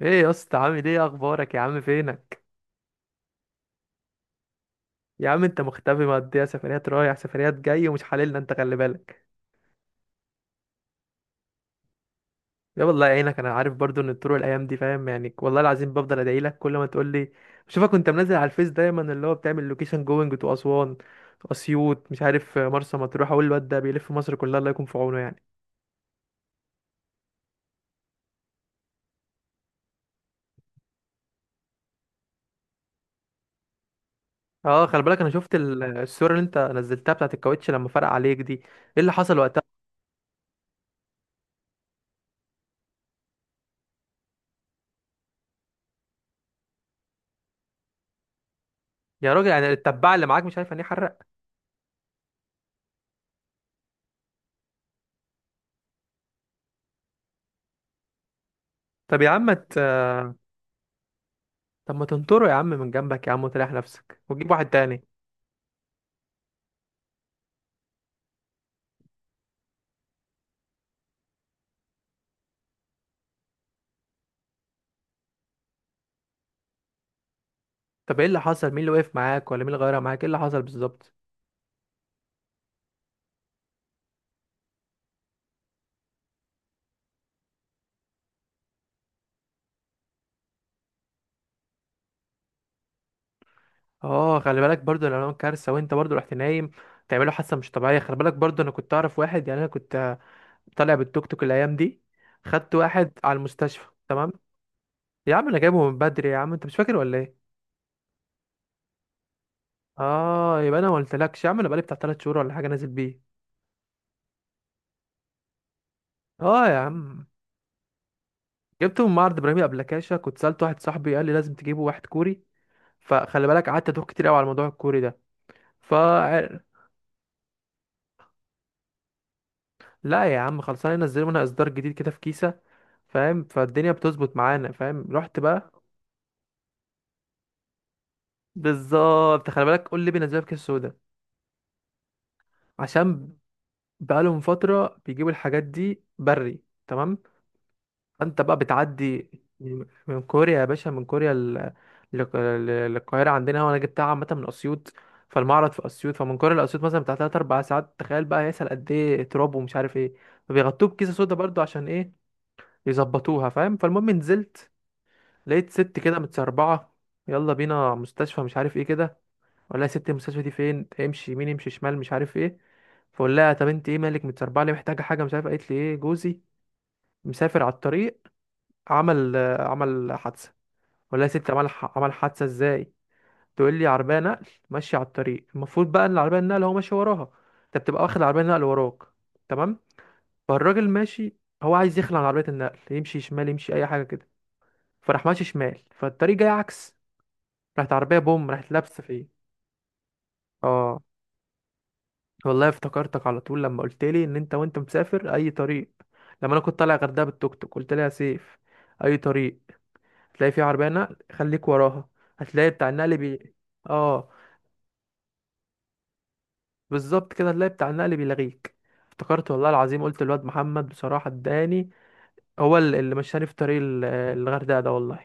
ايه يا اسطى، عامل ايه؟ اخبارك يا عم، فينك؟ يا عم انت مختفي، مقضيها سفريات رايح سفريات جاي، ومش حللنا انت، خلي بالك. يا والله يعينك، انا عارف برضو ان الطرق الايام دي، فاهم يعني، والله العظيم بفضل ادعي لك كل ما تقول لي بشوفك وانت منزل على الفيس دايما، اللي هو بتعمل لوكيشن جوينج تو اسوان، اسيوط، مش عارف، مرسى مطروح. اقول الواد ده بيلف مصر كلها، الله يكون في عونه يعني. اه خلي بالك، انا شفت الصوره اللي انت نزلتها بتاعت الكاوتش، لما فرق عليك دي ايه اللي حصل وقتها؟ يا راجل يعني التبع اللي معاك مش عارف يعني إيه حرق؟ طب يا عم ما ت- طب ما تنطره يا عم من جنبك يا عم، وتريح نفسك، وتجيب واحد تاني. طب ايه اللي حصل؟ مين اللي وقف معاك؟ ولا مين اللي غيرها معاك؟ ايه اللي حصل بالظبط؟ اه خلي بالك برضو، لو كارثه وانت برضو رحت نايم تعمله حادثه مش طبيعيه. خلي بالك برضو، انا كنت اعرف واحد، يعني انا كنت طالع بالتوك توك الايام دي، خدت واحد على المستشفى، تمام؟ يا عم انا جايبه من بدري يا عم، انت مش فاكر ولا ايه؟ اه، يبقى انا ما قلتلكش يا عم، انا بقالي بتاع 3 شهور ولا حاجه نازل بيه. اه يا عم، جبته من معرض ابراهيم ابلكاشة، كنت سألت واحد صاحبي قال لي لازم تجيبه واحد كوري، فخلي بالك قعدت ادوخ كتير قوي على الموضوع الكوري ده. ف لا يا عم، خلصانه، ينزلوا لنا اصدار جديد كده في كيسه، فاهم؟ فالدنيا بتظبط معانا، فاهم، رحت بقى. بالظبط، خلي بالك، قول لي بينزلوها في كيسه سودا عشان؟ بقالهم فتره بيجيبوا الحاجات دي بري، تمام؟ انت بقى بتعدي من كوريا يا باشا، من كوريا للقاهره عندنا، وانا جبتها عامه من اسيوط، فالمعرض في اسيوط، فمن كوريا لاسيوط مثلا بتاع 3 4 ساعات، تخيل بقى هيسأل قد ايه تراب ومش عارف ايه. فبيغطوه بكيسه سودا برضو عشان ايه؟ يظبطوها، فاهم؟ فالمهم نزلت، لقيت ست كده متسربعه: يلا بينا مستشفى، مش عارف ايه كده. ولا يا ست المستشفى دي فين؟ امشي يمين، امشي شمال، مش عارف ايه. فقول لها طب انت ايه مالك متسربعه ليه؟ محتاجه حاجه؟ مش عارف. قالت لي ايه، جوزي مسافر على الطريق، عمل عمل حادثه. ولا يا ست عمل عمل حادثه ازاي؟ تقول لي عربيه نقل ماشيه على الطريق، المفروض بقى ان العربيه النقل هو ماشي وراها، انت بتبقى واخد العربيه النقل وراك، تمام؟ فالراجل ماشي، هو عايز يخلع عن عربيه النقل، يمشي شمال يمشي اي حاجه كده، فراح ماشي شمال، فالطريق جاي عكس، راحت عربية بوم، راحت لابسة فيه. اه والله افتكرتك على طول لما قلت لي ان انت وانت مسافر اي طريق. لما انا كنت طالع غردقة بالتوك توك قلت لها يا سيف، اي طريق هتلاقي فيه عربية نقل، خليك وراها، هتلاقي بتاع النقل بي… اه بالظبط كده، هتلاقي بتاع النقل بيلغيك. افتكرت والله العظيم، قلت الواد محمد بصراحة اداني، هو اللي مشاني في طريق الغردقة ده والله.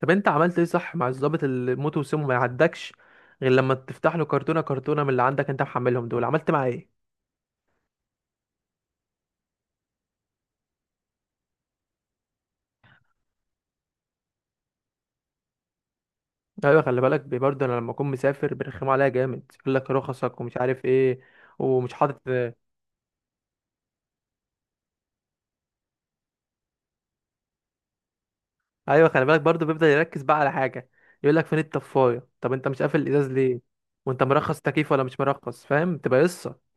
طب انت عملت ايه؟ صح، مع الضابط اللي موته وسمه ما يعدكش غير لما تفتح له كرتونه كرتونه من اللي عندك انت محملهم دول، عملت معاه ايه؟ ايوه خلي بالك برضه انا لما اكون مسافر بيرخموا عليا جامد، يقول لك رخصك ومش عارف ايه، ومش حاطط. ايوه خلي بالك برضه، بيفضل يركز بقى على حاجه، يقول لك فين الطفايه، طب انت مش قافل الازاز ليه، وانت مرخص تكييف ولا مش مرخص، فاهم؟ تبقى قصه.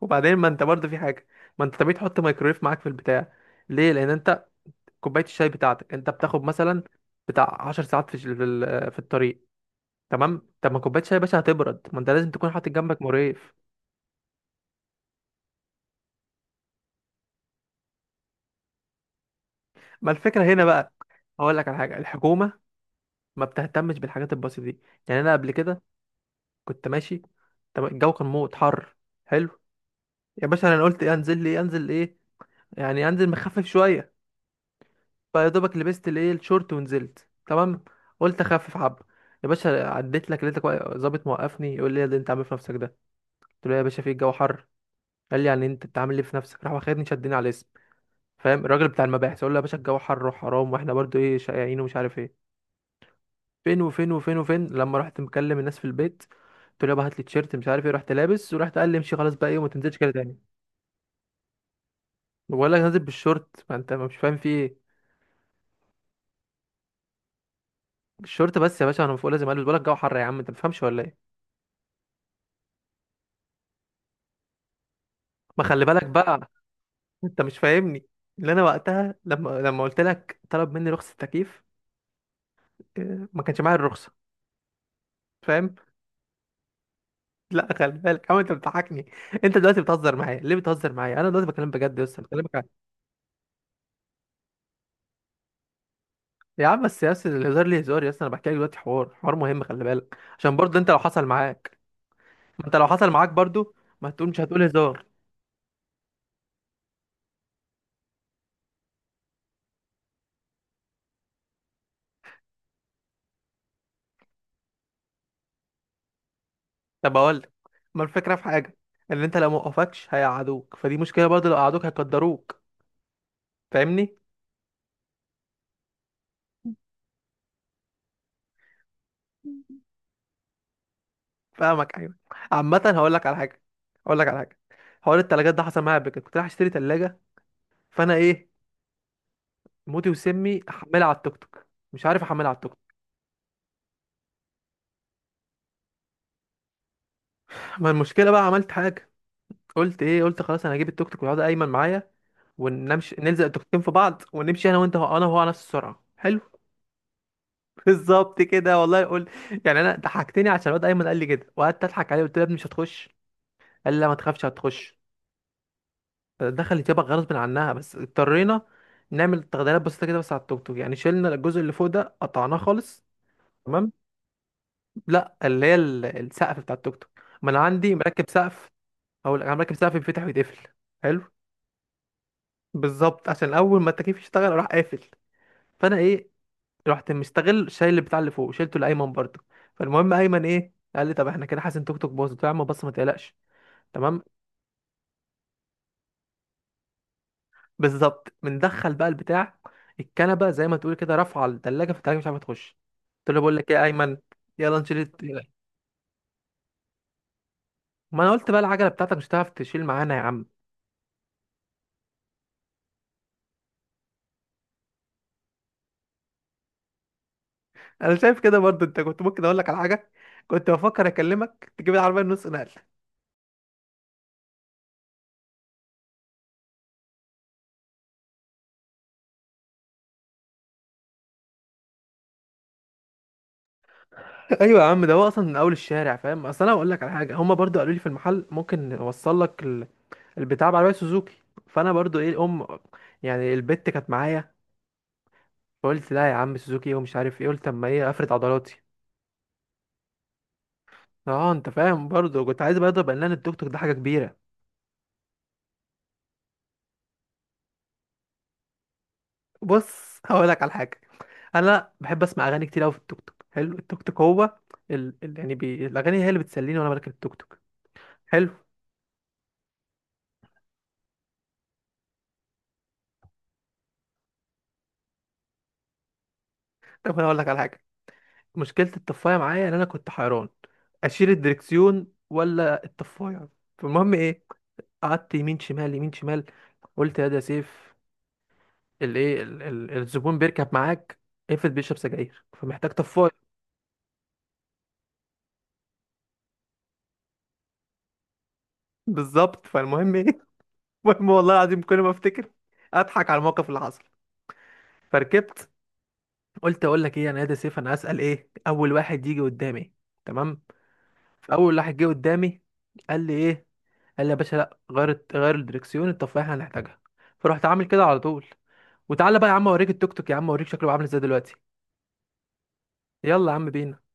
وبعدين ما انت برضه في حاجه، ما انت طبيعي تحط ميكرويف معاك في البتاع. ليه؟ لان انت كوبايه الشاي بتاعتك انت بتاخد مثلا بتاع 10 ساعات في الطريق، تمام؟ طب ما كوبايه شاي يا باشا هتبرد، ما انت لازم تكون حاطط جنبك مريف. ما الفكره هنا بقى، هقول لك على حاجه: الحكومه ما بتهتمش بالحاجات البسيطه دي. يعني انا قبل كده كنت ماشي، طب الجو كان موت حر، حلو. يا باشا انا قلت ايه، انزل لي ايه انزل ايه، يعني انزل مخفف شويه، فيا دوبك لبست الايه الشورت ونزلت، تمام؟ قلت اخفف حبه. يا باشا عديت لك لقيتك ظابط موقفني، يقول لي إيه اللي انت عامل إيه في نفسك ده؟ قلت له يا باشا في الجو حر. قال لي يعني انت انت عامل ايه في نفسك؟ راح واخدني شدني على الاسم، فاهم الراجل بتاع المباحث، اقول له يا باشا الجو حر وحرام، واحنا برضو ايه شقيانين ومش عارف ايه، فين وفين وفين وفين. لما رحت مكلم الناس في البيت قلت له يابا هات لي تيشيرت مش عارف ايه، رحت لابس ورحت، قال لي امشي خلاص بقى ايه، وما تنزلش كده تاني. بقول لك نازل بالشورت، ما انت مش فاهم في ايه. بالشورت بس يا باشا، انا فوق لازم البس، بقول لك الجو حر يا عم، انت ما بتفهمش ولا ايه؟ ما خلي بالك بقى. انت مش فاهمني، اللي انا وقتها، لما قلت لك طلب مني رخصه تكييف، اه، ما كانش معايا الرخصه، فاهم؟ لا خلي بالك عم، انت بتضحكني. انت دلوقتي بتهزر معايا ليه؟ بتهزر معايا، انا دلوقتي بكلم بجد يا اسطى، بكلمك عن… يا عم بس يا اسطى، الهزار ليه؟ هزار يا اسطى؟ انا بحكي لك دلوقتي حوار، حوار مهم، خلي بالك عشان برضه انت لو حصل معاك، ما انت لو حصل معاك برضه ما تقولش هتقول هزار. طب اقول لك، ما الفكره في حاجه، ان انت لو ما وقفكش هيقعدوك، فدي مشكله برضه، لو قعدوك هيقدروك، فاهمني؟ فاهمك، ايوه. عامه هقول لك على حاجه، هقول لك على حاجه: حوار التلاجات ده حصل معايا قبل كده، كنت رايح اشتري تلاجه، فانا ايه، موتي وسمي احملها على التوك توك، مش عارف احملها على التوك. ما المشكله بقى، عملت حاجه، قلت ايه؟ قلت خلاص انا هجيب التوك توك ويقعد ايمن معايا، ونمشي نلزق التوكتين في بعض، ونمشي انا وانت، انا وهو، على نفس السرعه، حلو. بالظبط كده والله، قول. يعني انا ضحكتني عشان الواد ايمن قال لي كده، وقعدت اضحك عليه قلت له يا ابني مش هتخش، قال لي لا ما تخافش هتخش. دخلت يابا غصب عنها، بس اضطرينا نعمل تغييرات بسيطه كده بس على التوك توك، يعني شلنا الجزء اللي فوق ده، قطعناه خالص. تمام. لا اللي هي السقف بتاع التوك توك، ما انا عندي مركب سقف، او انا مركب سقف بيتفتح ويتقفل، حلو. بالظبط، عشان اول ما التكييف يشتغل راح قافل، فانا ايه رحت مستغل شايل بتاع اللي فوق، شيلته لايمن برضه. فالمهم ايمن ايه قال لي، طب احنا كده حاسس ان توك توك باظ، قلت له يا عم بص ما تقلقش، تمام؟ بالظبط، بندخل بقى البتاع، الكنبه زي ما تقول كده رافعه الثلاجه، فالثلاجه مش عارفه تخش، قلت له بقول لك ايه يا ايمن، يلا نشيل ما انا قلت بقى العجله بتاعتك مش هتعرف تشيل معانا يا عم. انا شايف كده برضه، انت كنت ممكن اقول لك على حاجه، كنت بفكر اكلمك تجيب العربيه النص نقل. ايوه يا عم، ده هو اصلا من اول الشارع، فاهم؟ اصل انا اقول لك على حاجه، هما برضو قالوا لي في المحل ممكن نوصل لك البتاع بعربيه سوزوكي، فانا برضو ايه الام، يعني البت كانت معايا، فقلت لا يا عم، سوزوكي إيه ومش عارف ايه، قلت اما ايه افرد عضلاتي. اه انت فاهم برضو، كنت عايز بقى اضرب اعلان التوك توك ده حاجه كبيره. بص هقول لك على حاجه: انا بحب اسمع اغاني كتير قوي في التوك توك، حلو، التوك توك هو الاغاني هي اللي بتسليني وانا بركب التوك توك، حلو. طب انا اقول لك على حاجه، مشكلة الطفاية معايا ان انا كنت حيران اشيل الدركسيون ولا الطفاية. فالمهم ايه، قعدت يمين شمال يمين شمال، قلت يا ده يا سيف، الايه الزبون بيركب معاك افرض بيشرب سجاير فمحتاج طفاية. بالظبط. فالمهم ايه المهم والله العظيم كل ما افتكر اضحك على الموقف اللي حصل. فركبت، قلت اقول لك ايه انا يا ده سيف، انا هسأل ايه اول واحد يجي قدامي، تمام؟ فاول واحد جه قدامي قال لي ايه؟ قال لي يا باشا لا، غير غير الدركسيون التفاحه هنحتاجها، فرحت عامل كده على طول. وتعالى بقى يا عم اوريك التوك توك، يا عم اوريك شكله عامل ازاي دلوقتي، يلا يا عم بينا.